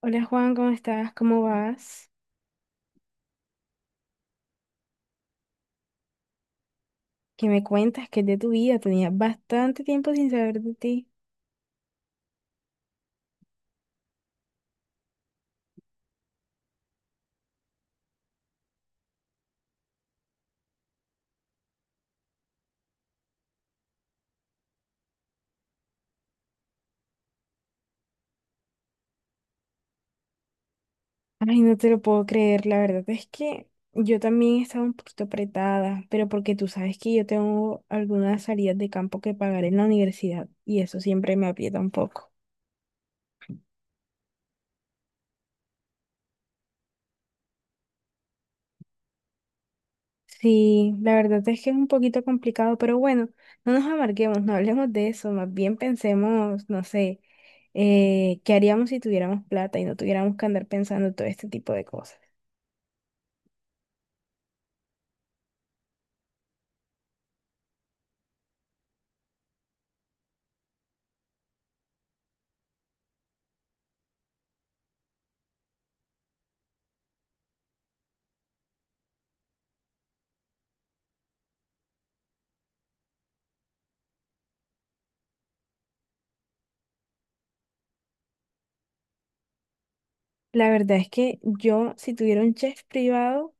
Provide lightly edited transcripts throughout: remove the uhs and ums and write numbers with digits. Hola Juan, ¿cómo estás? ¿Cómo vas? ¿Qué me cuentas? ¿Qué es de tu vida? Tenía bastante tiempo sin saber de ti. Ay, no te lo puedo creer, la verdad es que yo también estaba un poquito apretada, pero porque tú sabes que yo tengo algunas salidas de campo que pagar en la universidad y eso siempre me aprieta un poco. Sí, la verdad es que es un poquito complicado, pero bueno, no nos amarguemos, no hablemos de eso, más bien pensemos, no sé, ¿qué haríamos si tuviéramos plata y no tuviéramos que andar pensando todo este tipo de cosas? La verdad es que yo, si tuviera un chef privado,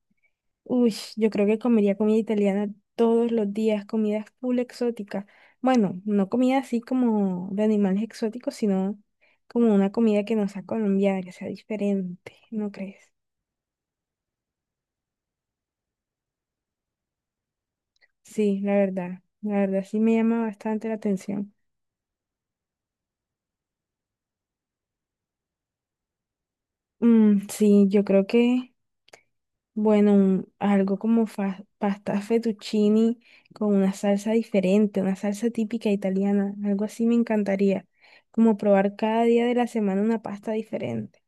uy, yo creo que comería comida italiana todos los días, comidas full exóticas. Bueno, no comida así como de animales exóticos, sino como una comida que no sea colombiana, que sea diferente, ¿no crees? Sí, la verdad sí me llama bastante la atención. Mm, sí, bueno, algo como pasta fettuccini con una salsa diferente, una salsa típica italiana, algo así me encantaría, como probar cada día de la semana una pasta diferente.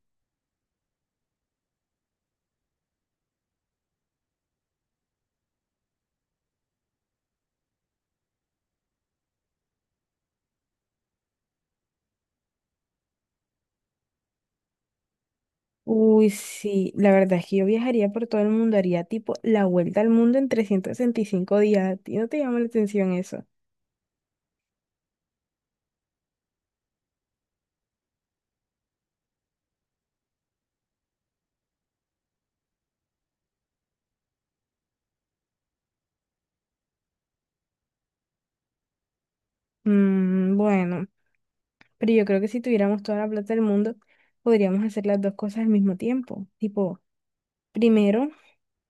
Uy, sí, la verdad es que yo viajaría por todo el mundo, haría tipo la vuelta al mundo en 365 días. ¿A ti no te llama la atención eso? Mm, bueno, pero yo creo que si tuviéramos toda la plata del mundo, podríamos hacer las dos cosas al mismo tiempo. Tipo, primero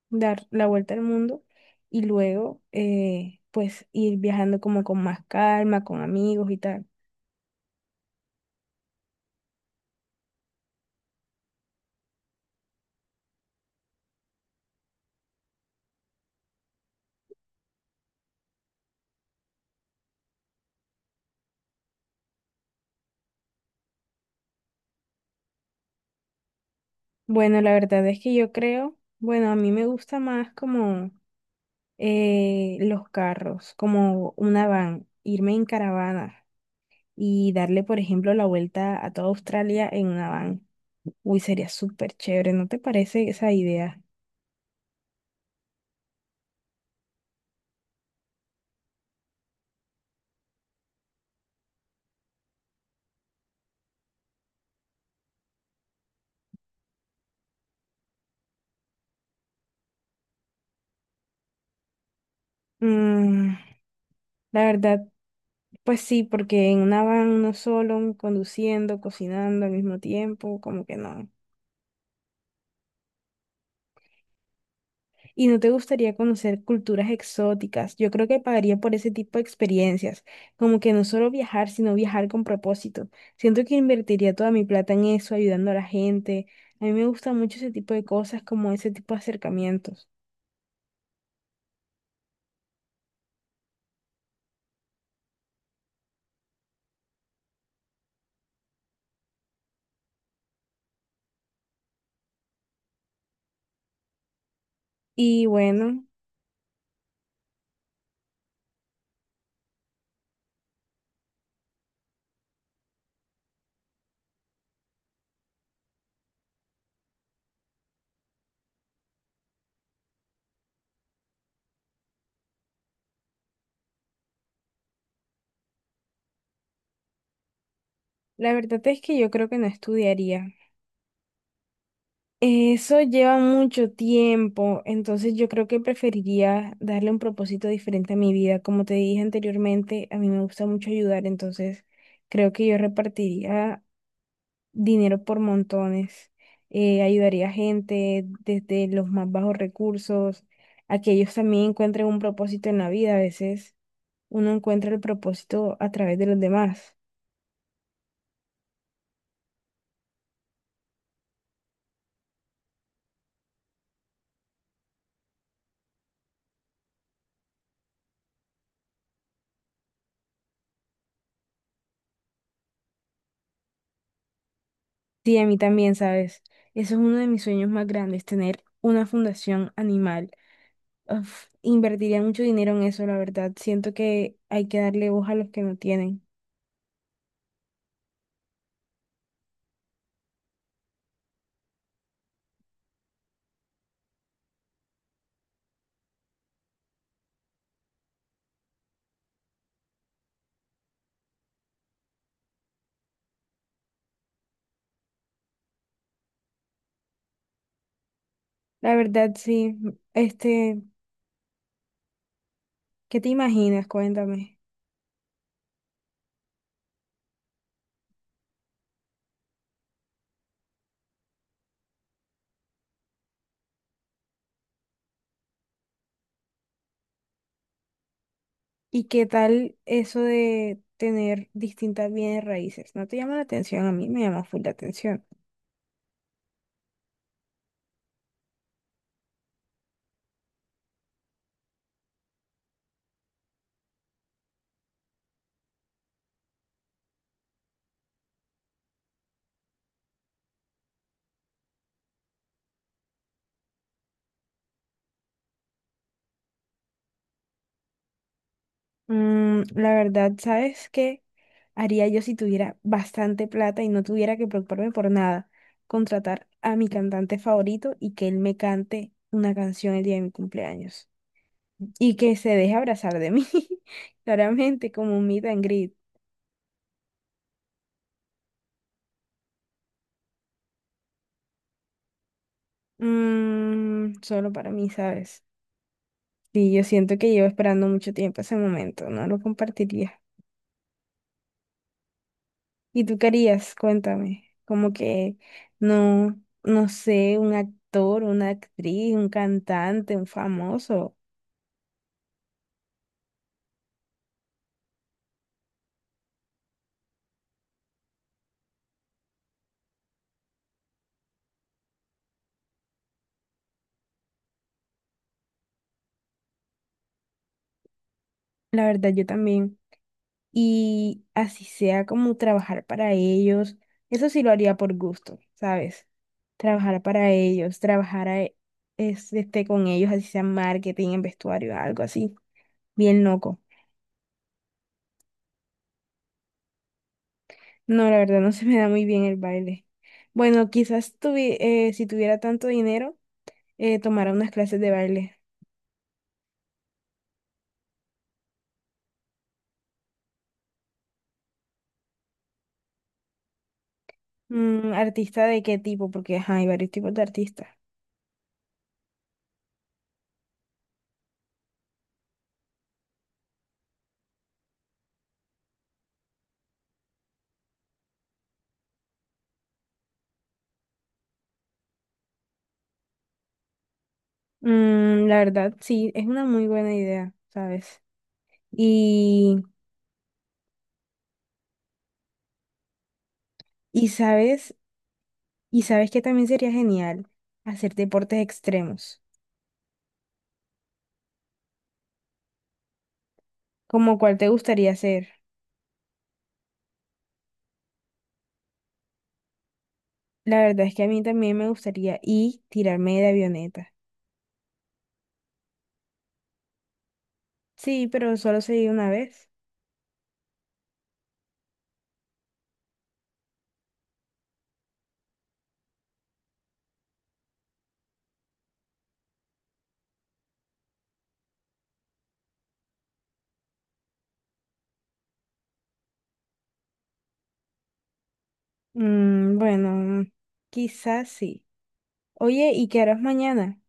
dar la vuelta al mundo y luego, pues, ir viajando como con más calma, con amigos y tal. Bueno, la verdad es que yo creo, bueno, a mí me gusta más como... los carros como una van, irme en caravana y darle, por ejemplo, la vuelta a toda Australia en una van. Uy, sería súper chévere, ¿no te parece esa idea? Mm, la verdad, pues sí, porque en una van uno solo, conduciendo, cocinando al mismo tiempo, como que no. ¿Y no te gustaría conocer culturas exóticas? Yo creo que pagaría por ese tipo de experiencias, como que no solo viajar, sino viajar con propósito. Siento que invertiría toda mi plata en eso, ayudando a la gente. A mí me gusta mucho ese tipo de cosas, como ese tipo de acercamientos. Y bueno, la verdad es que yo creo que no estudiaría. Eso lleva mucho tiempo, entonces yo creo que preferiría darle un propósito diferente a mi vida. Como te dije anteriormente, a mí me gusta mucho ayudar, entonces creo que yo repartiría dinero por montones, ayudaría a gente desde los más bajos recursos, a que ellos también encuentren un propósito en la vida. A veces uno encuentra el propósito a través de los demás. Sí, a mí también, ¿sabes? Eso es uno de mis sueños más grandes, tener una fundación animal. Uf, invertiría mucho dinero en eso, la verdad. Siento que hay que darle voz a los que no tienen. La verdad, sí. Este, ¿qué te imaginas? Cuéntame. ¿Y qué tal eso de tener distintas bienes raíces? ¿No te llama la atención? A mí me llama full la atención. Mm, la verdad, ¿sabes qué haría yo si tuviera bastante plata y no tuviera que preocuparme por nada? Contratar a mi cantante favorito y que él me cante una canción el día de mi cumpleaños. Y que se deje abrazar de mí, claramente, como un meet and greet. Mm, solo para mí, ¿sabes? Sí, yo siento que llevo esperando mucho tiempo ese momento, no lo compartiría. ¿Y tú querías? Cuéntame. Como que no, no sé, un actor, una actriz, un cantante, un famoso. La verdad, yo también, y así sea como trabajar para ellos, eso sí lo haría por gusto, ¿sabes? Trabajar para ellos, trabajar a- e, es- este, con ellos, así sea en marketing, en vestuario, algo así, bien loco. No, la verdad no se me da muy bien el baile. Bueno, si tuviera tanto dinero, tomara unas clases de baile. Mm, ¿artista de qué tipo? Porque ajá, hay varios tipos de artistas. Mm, la verdad, sí, es una muy buena idea, ¿sabes? Y, y ¿sabes? Y sabes que también sería genial hacer deportes extremos, como cuál te gustaría hacer. La verdad es que a mí también me gustaría y tirarme de avioneta. Sí, pero solo sería una vez. Mm, bueno, quizás sí. Oye, ¿y qué harás mañana?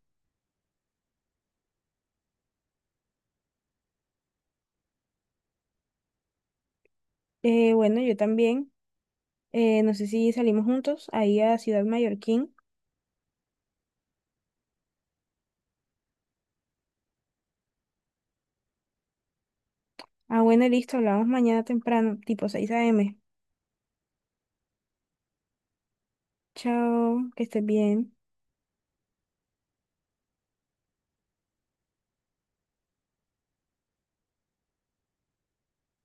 Bueno, yo también. No sé si salimos juntos ahí a Ciudad Mallorquín. Ah, bueno, listo, hablamos mañana temprano, tipo seis a m. Chao, que estés bien.